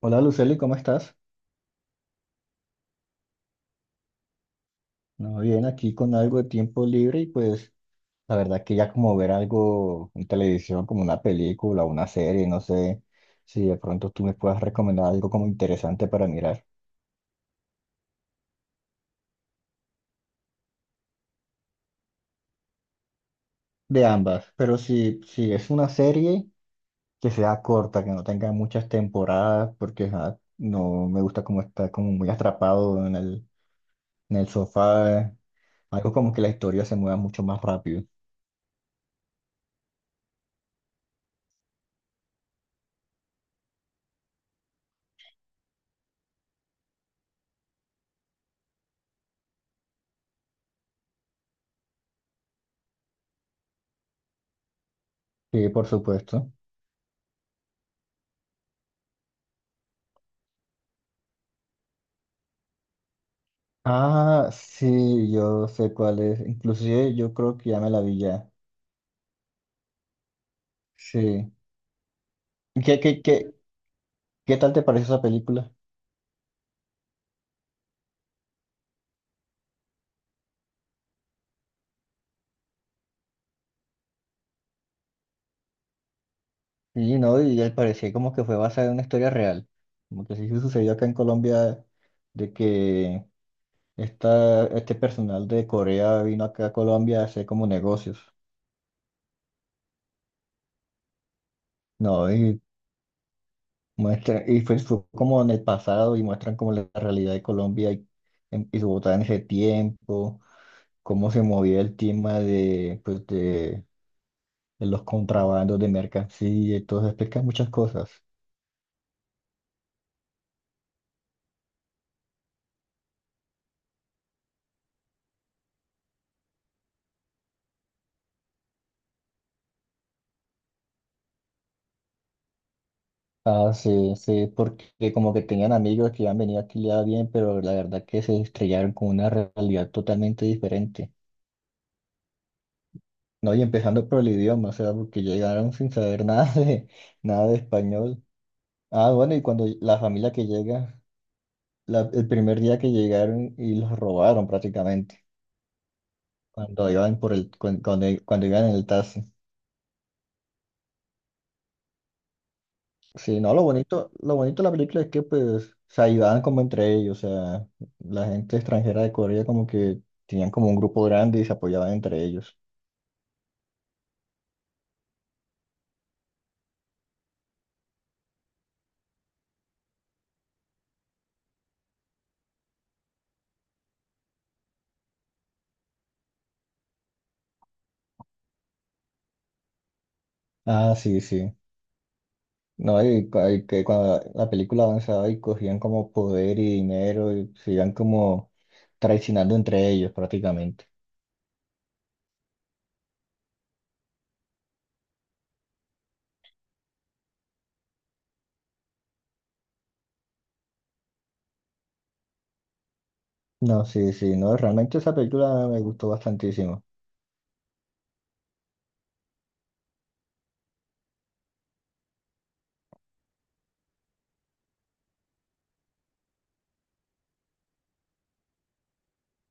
Hola, Luceli, ¿cómo estás? No, bien, aquí con algo de tiempo libre y pues la verdad que ya como ver algo en televisión, como una película, una serie, no sé si de pronto tú me puedas recomendar algo como interesante para mirar. De ambas, pero si es una serie que sea corta, que no tenga muchas temporadas, porque ajá, no me gusta como estar como muy atrapado en el sofá, algo como que la historia se mueva mucho más rápido. Sí, por supuesto. Ah, sí, yo sé cuál es. Inclusive yo creo que ya me la vi ya. Sí. ¿Y ¿Qué, qué, qué, Qué tal te pareció esa película? Sí, no, y al parecer como que fue basada en una historia real. Como que sí sucedió acá en Colombia de que este personal de Corea vino acá a Colombia a hacer como negocios. No, y muestra, y fue como en el pasado y muestran como la realidad de Colombia y, y Bogotá en ese tiempo, cómo se movía el tema de, pues de en los contrabandos de mercancía y todo, eso, explica muchas cosas. Ah, sí, sí, porque como que tenían amigos que han venido aquí ya bien, pero la verdad que se estrellaron con una realidad totalmente diferente. No, y empezando por el idioma, o sea, porque llegaron sin saber nada nada de español. Ah, bueno, y cuando la familia que llega, el primer día que llegaron y los robaron prácticamente, cuando iban por el, cuando iban en el taxi. Sí, no, lo bonito de la película es que pues se ayudaban como entre ellos, o sea, la gente extranjera de Corea como que tenían como un grupo grande y se apoyaban entre ellos. Ah, sí, sí. No, y, y que cuando la película avanzaba y cogían como poder y dinero y se iban como traicionando entre ellos prácticamente. No, sí, sí, no, realmente esa película me gustó bastantísimo.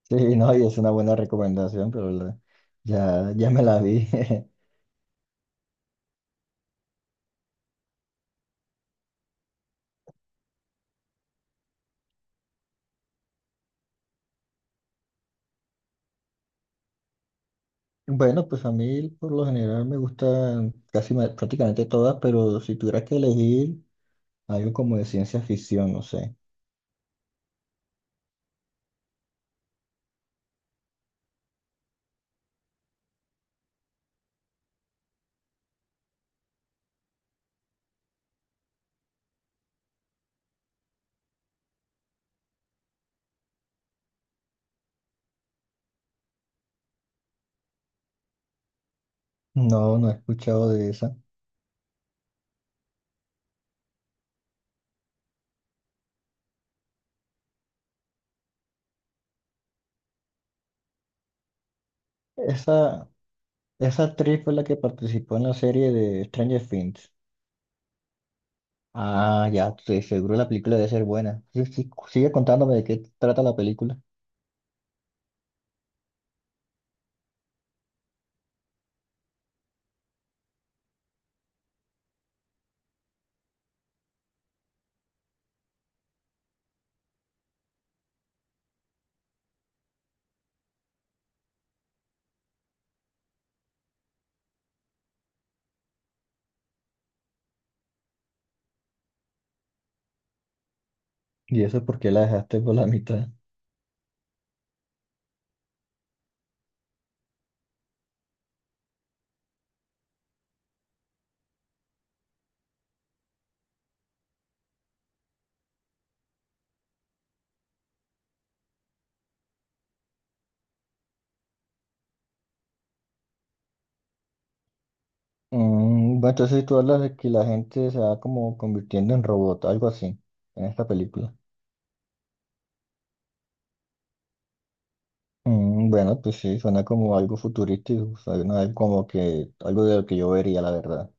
Sí, no, y es una buena recomendación, pero ya, ya me la vi. Bueno, pues a mí por lo general me gustan prácticamente todas, pero si tuviera que elegir algo como de ciencia ficción, no sé. No, no he escuchado de esa. Esa, esa actriz fue la que participó en la serie de Stranger Things. Ah, ya, sí, seguro la película debe ser buena. Sí, sí, sigue contándome de qué trata la película. ¿Y eso porque la dejaste por la mitad? Mm, bueno, entonces tú hablas de que la gente se va como convirtiendo en robot, algo así, en esta película. Mm, bueno, pues sí, suena como algo futurístico, o sea, no es como que algo de lo que yo vería, la verdad.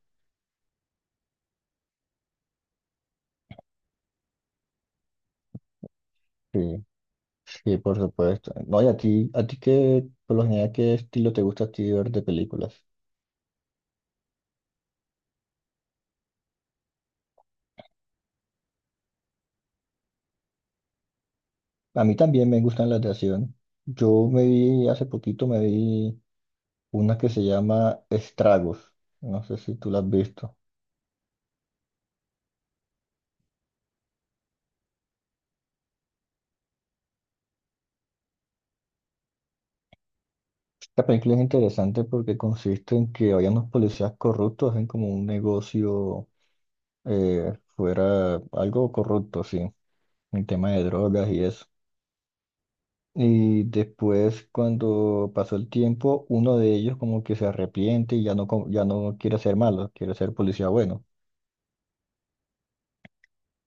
Sí, sí, por supuesto. No, y a ti qué, por lo general, ¿qué estilo te gusta a ti ver de películas? A mí también me gustan las de acción. Yo me vi, hace poquito me vi una que se llama Estragos. No sé si tú la has visto. Esta película es interesante porque consiste en que había unos policías corruptos, hacen como un negocio, fuera algo corrupto, sí, el tema de drogas y eso. Y después, cuando pasó el tiempo, uno de ellos como que se arrepiente y ya ya no quiere ser malo, quiere ser policía bueno.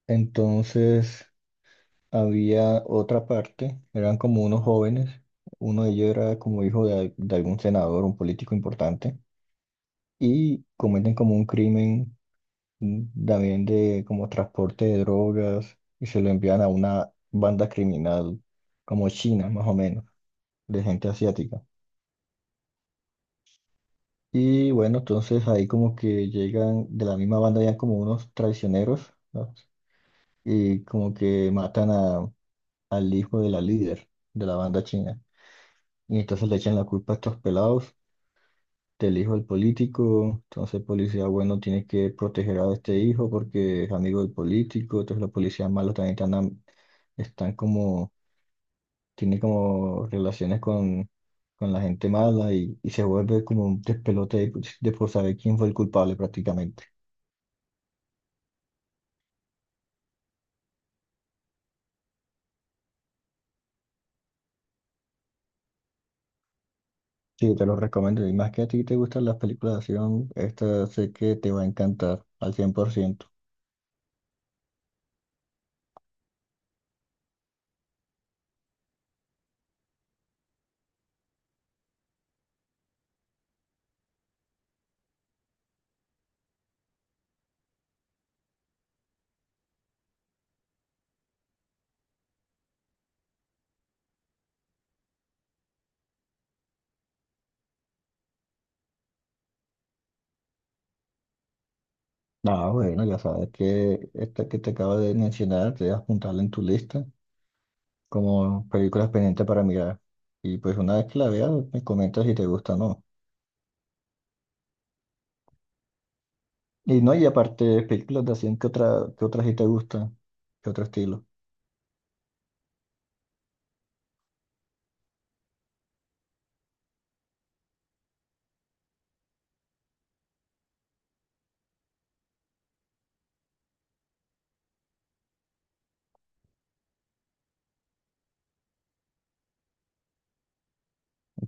Entonces, había otra parte, eran como unos jóvenes, uno de ellos era como hijo de, de algún senador, un político importante, y cometen como un crimen, mm, también de como transporte de drogas y se lo envían a una banda criminal como China, más o menos, de gente asiática. Y bueno, entonces ahí como que llegan, de la misma banda ya como unos traicioneros, ¿no? Y como que matan a, al hijo de la líder de la banda china. Y entonces le echan la culpa a estos pelados del hijo del político. Entonces el policía bueno tiene que proteger a este hijo porque es amigo del político. Entonces los policías malos también están como, tienen como relaciones con la gente mala y se vuelve como un despelote de por saber quién fue el culpable prácticamente. Sí, te lo recomiendo. Y más que a ti te gustan las películas de acción, esta sé que te va a encantar al 100%. Ah, bueno, ya sabes que esta que te acabo de mencionar, te vas a apuntarla en tu lista como películas pendientes para mirar. Y pues una vez que la veas, me comentas si te gusta o no. Y no, y aparte, películas de acción, ¿qué otra, qué otras sí te gustan? ¿Qué otro estilo?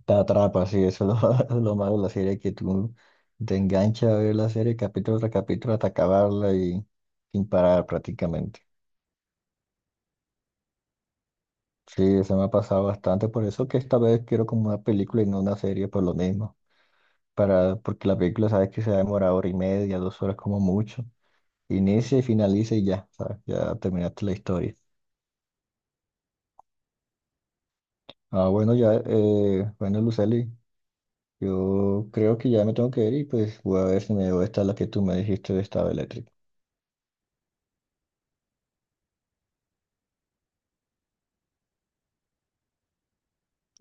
Te atrapa, sí, eso es lo lo malo de la serie, que tú te enganchas a ver la serie capítulo tras capítulo hasta acabarla y sin parar prácticamente. Sí, se me ha pasado bastante, por eso que esta vez quiero como una película y no una serie por lo mismo, para, porque la película sabes que se va a demorar hora y media, 2 horas como mucho, inicia y finaliza y ya, ¿sabes? Ya terminaste la historia. Ah, bueno, ya, bueno, Luceli, yo creo que ya me tengo que ir y pues voy a ver si me veo esta la que tú me dijiste de Estado Eléctrico.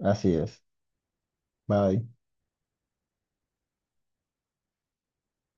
Así es, bye.